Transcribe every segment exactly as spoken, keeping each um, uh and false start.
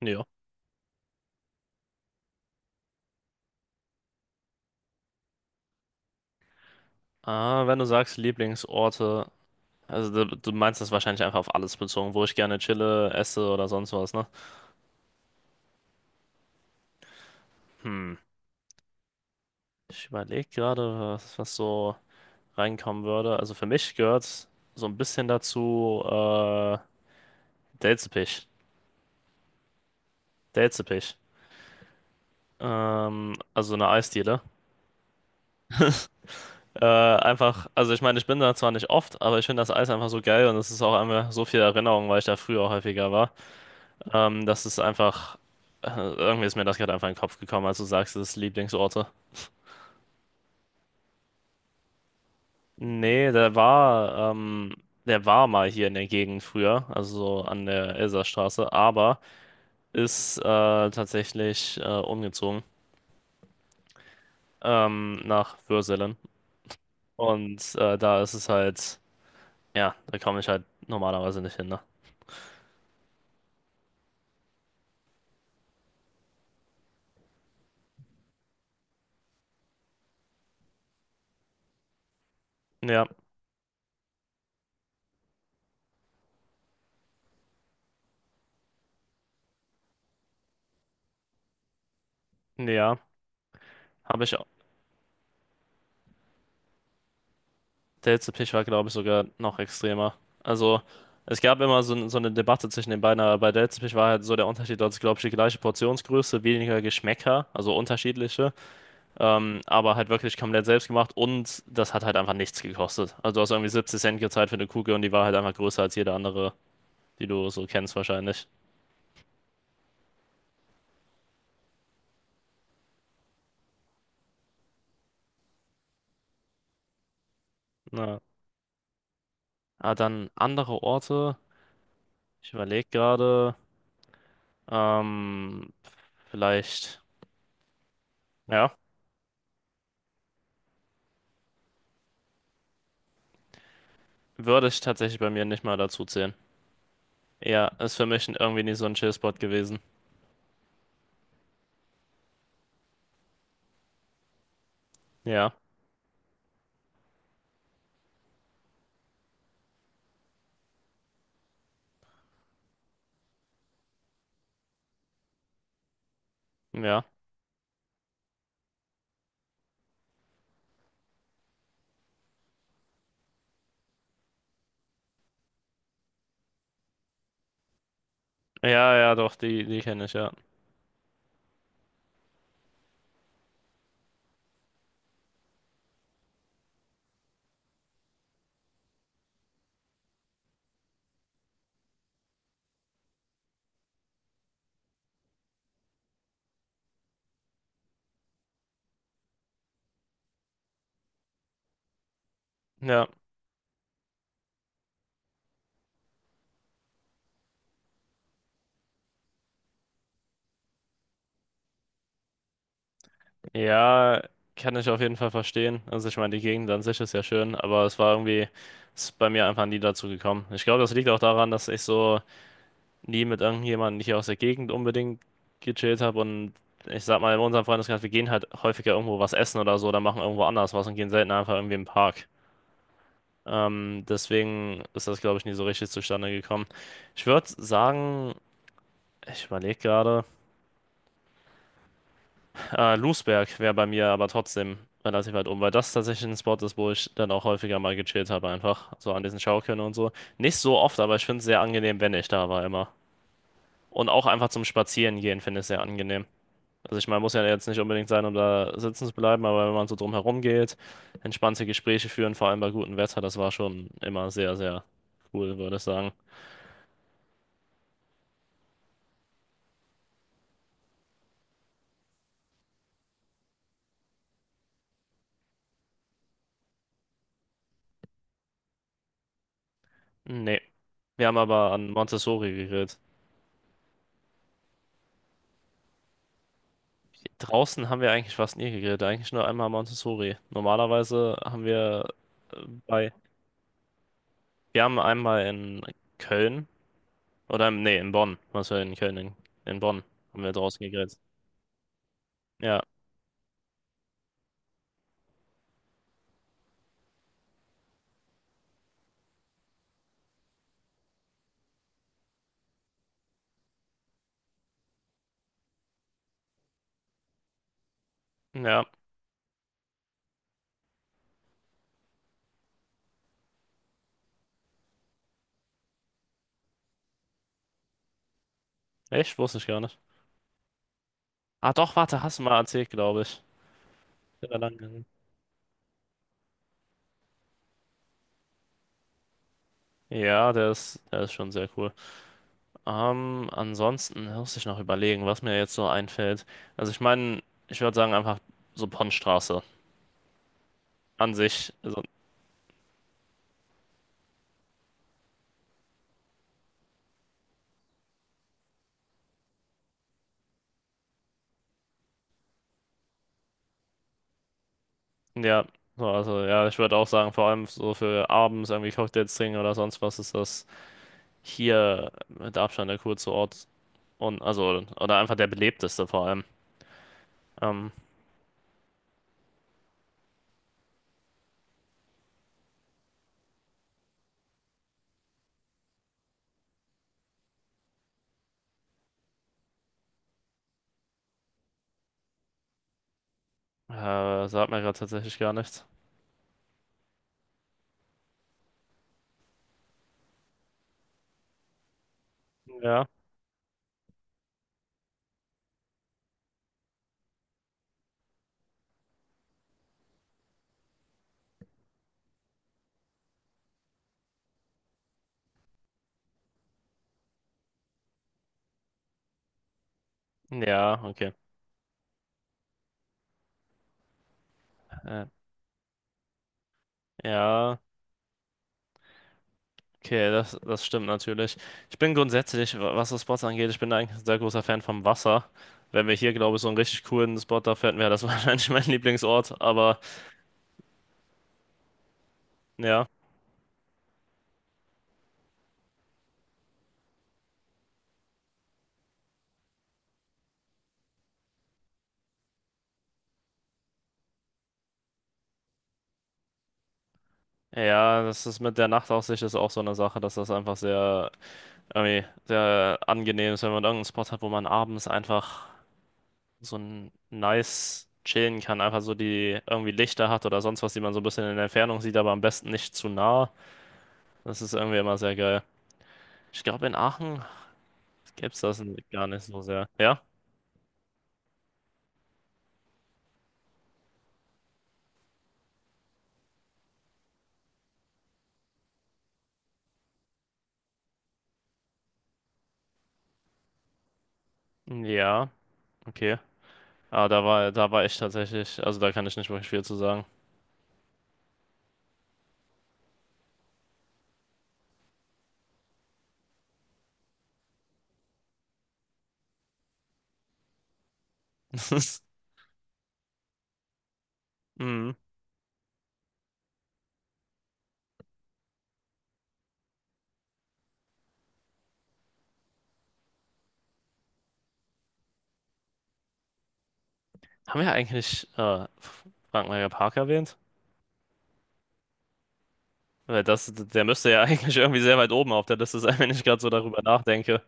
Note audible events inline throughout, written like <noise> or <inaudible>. Ja. Ah, wenn du sagst Lieblingsorte, also du, du meinst das wahrscheinlich einfach auf alles bezogen, wo ich gerne chille, esse oder sonst was, ne? Hm. Ich überlege gerade, was, was so reinkommen würde. Also für mich gehört so ein bisschen dazu äh, Delzepich. Delzepich. Ähm, also eine Eisdiele. Äh, einfach, also ich meine, ich bin da zwar nicht oft, aber ich finde das Eis einfach so geil und es ist auch einfach so viel Erinnerung, weil ich da früher häufiger war. Ähm, das ist einfach. äh, Irgendwie ist mir das gerade einfach in den Kopf gekommen, als du sagst, das ist Lieblingsorte. Nee, der war, ähm, der war mal hier in der Gegend früher, also so an der Elsastraße, aber ist äh, tatsächlich äh, umgezogen ähm, nach Würselen. Und äh, da ist es halt, ja, da komme ich halt normalerweise nicht hin, ne? Ja, ja, habe ich. Der letzte Pitch war, glaube ich, sogar noch extremer. Also, es gab immer so, so eine Debatte zwischen den beiden, aber bei der letzte Pitch war halt so der Unterschied, dass, glaube ich, die gleiche Portionsgröße, weniger Geschmäcker, also unterschiedliche, ähm, aber halt wirklich komplett selbst gemacht und das hat halt einfach nichts gekostet. Also, du hast irgendwie 70 Cent gezahlt für eine Kugel und die war halt einfach größer als jede andere, die du so kennst, wahrscheinlich. Na, ah, dann andere Orte. Ich überlege gerade, ähm, vielleicht, ja, würde ich tatsächlich bei mir nicht mal dazu zählen. Ja, ist für mich irgendwie nicht so ein Chill-Spot gewesen. Ja, ja. Ja, ja, doch, die, die kenne ich, ja. Ja, ja, kann ich auf jeden Fall verstehen. Also ich meine, die Gegend an sich ist ja schön, aber es war irgendwie, ist bei mir einfach nie dazu gekommen. Ich glaube, das liegt auch daran, dass ich so nie mit irgendjemandem hier aus der Gegend unbedingt gechillt habe und ich sag mal, in unserem Freundeskreis, wir gehen halt häufiger irgendwo was essen oder so oder machen irgendwo anders was und gehen selten einfach irgendwie im Park. Ähm, deswegen ist das, glaube ich, nie so richtig zustande gekommen. Ich würde sagen, Ich überlege gerade. Ah, Lousberg wäre bei mir aber trotzdem relativ weit oben, weil das tatsächlich ein Spot ist, wo ich dann auch häufiger mal gechillt habe, einfach. So an diesen Schaukeln und so. Nicht so oft, aber ich finde es sehr angenehm, wenn ich da war immer. Und auch einfach zum Spazieren gehen finde ich sehr angenehm. Also ich meine, muss ja jetzt nicht unbedingt sein, um da sitzen zu bleiben, aber wenn man so drumherum geht, entspannte Gespräche führen, vor allem bei gutem Wetter, das war schon immer sehr, sehr cool, würde ich sagen. Nee. Wir haben aber an Montessori gegrillt. Draußen haben wir eigentlich fast nie gegrillt, eigentlich nur einmal Montessori. Normalerweise haben wir äh, bei, wir haben einmal in Köln oder im- nee, in Bonn, was wir in Köln, in, in Bonn haben wir draußen gegrillt. Ja, ja, echt, wusste ich gar nicht. Ah doch, warte, hast du mal erzählt, glaube ich. Der war lang-. Ja, der ist, der ist schon sehr cool. Ähm, ansonsten muss ich noch überlegen, was mir jetzt so einfällt. Also ich meine, ich würde sagen einfach so Ponnstraße an sich. Also ja, so, also ja, ich würde auch sagen, vor allem so für abends irgendwie Cocktails trinken oder sonst was ist das hier mit Abstand der coolste Ort und also oder einfach der belebteste vor allem. Ähm, äh, Sagt mir gerade tatsächlich gar nichts. Ja, ja, okay. Äh, ja, okay, das, das stimmt natürlich. Ich bin grundsätzlich, wa- was das Spots angeht, ich bin eigentlich ein sehr großer Fan vom Wasser. Wenn wir hier, glaube ich, so einen richtig coolen Spot da finden, wäre das <laughs> wahrscheinlich mein Lieblingsort, aber ja. Ja, das ist mit der Nachtaussicht ist auch so eine Sache, dass das einfach sehr, irgendwie sehr angenehm ist, wenn man irgendeinen Spot hat, wo man abends einfach so ein nice chillen kann, einfach so die irgendwie Lichter hat oder sonst was, die man so ein bisschen in der Entfernung sieht, aber am besten nicht zu nah. Das ist irgendwie immer sehr geil. Ich glaube, in Aachen gibt's das gar nicht so sehr. Ja? Ja, okay. Aber da war, da war ich tatsächlich, also da kann ich nicht wirklich viel zu sagen. <laughs> Mhm. Haben wir eigentlich äh, Frank-Meyer-Park erwähnt? Weil das, der müsste ja <laughs> eigentlich irgendwie sehr weit oben auf der Liste sein, wenn ich gerade so darüber nachdenke.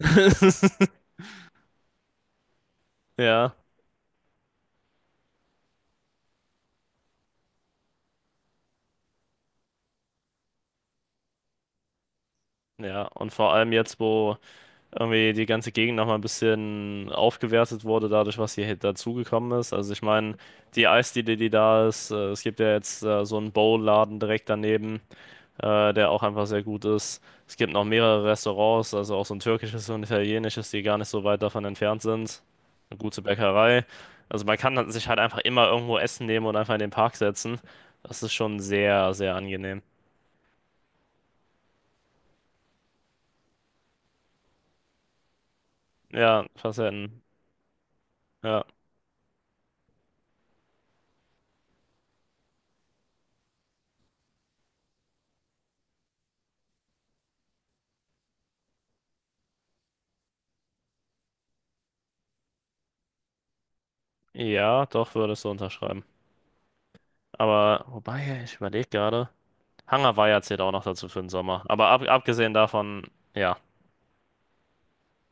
<laughs> Ja, ja. Und vor allem jetzt, wo irgendwie die ganze Gegend nochmal ein bisschen aufgewertet wurde, dadurch, was hier dazugekommen ist. Also ich meine, die Eisdiele, die da ist, äh, es gibt ja jetzt äh, so einen Bowl-Laden direkt daneben. Äh, der auch einfach sehr gut ist. Es gibt noch mehrere Restaurants, also auch so ein türkisches und italienisches, die gar nicht so weit davon entfernt sind. Eine gute Bäckerei. Also man kann dann sich halt einfach immer irgendwo Essen nehmen und einfach in den Park setzen. Das ist schon sehr, sehr angenehm. Ja, Facetten. Ja, ja, doch würde ich so unterschreiben. Aber wobei, ich überlege gerade. Hangar war ja zählt auch noch dazu für den Sommer. Aber ab, abgesehen davon, ja.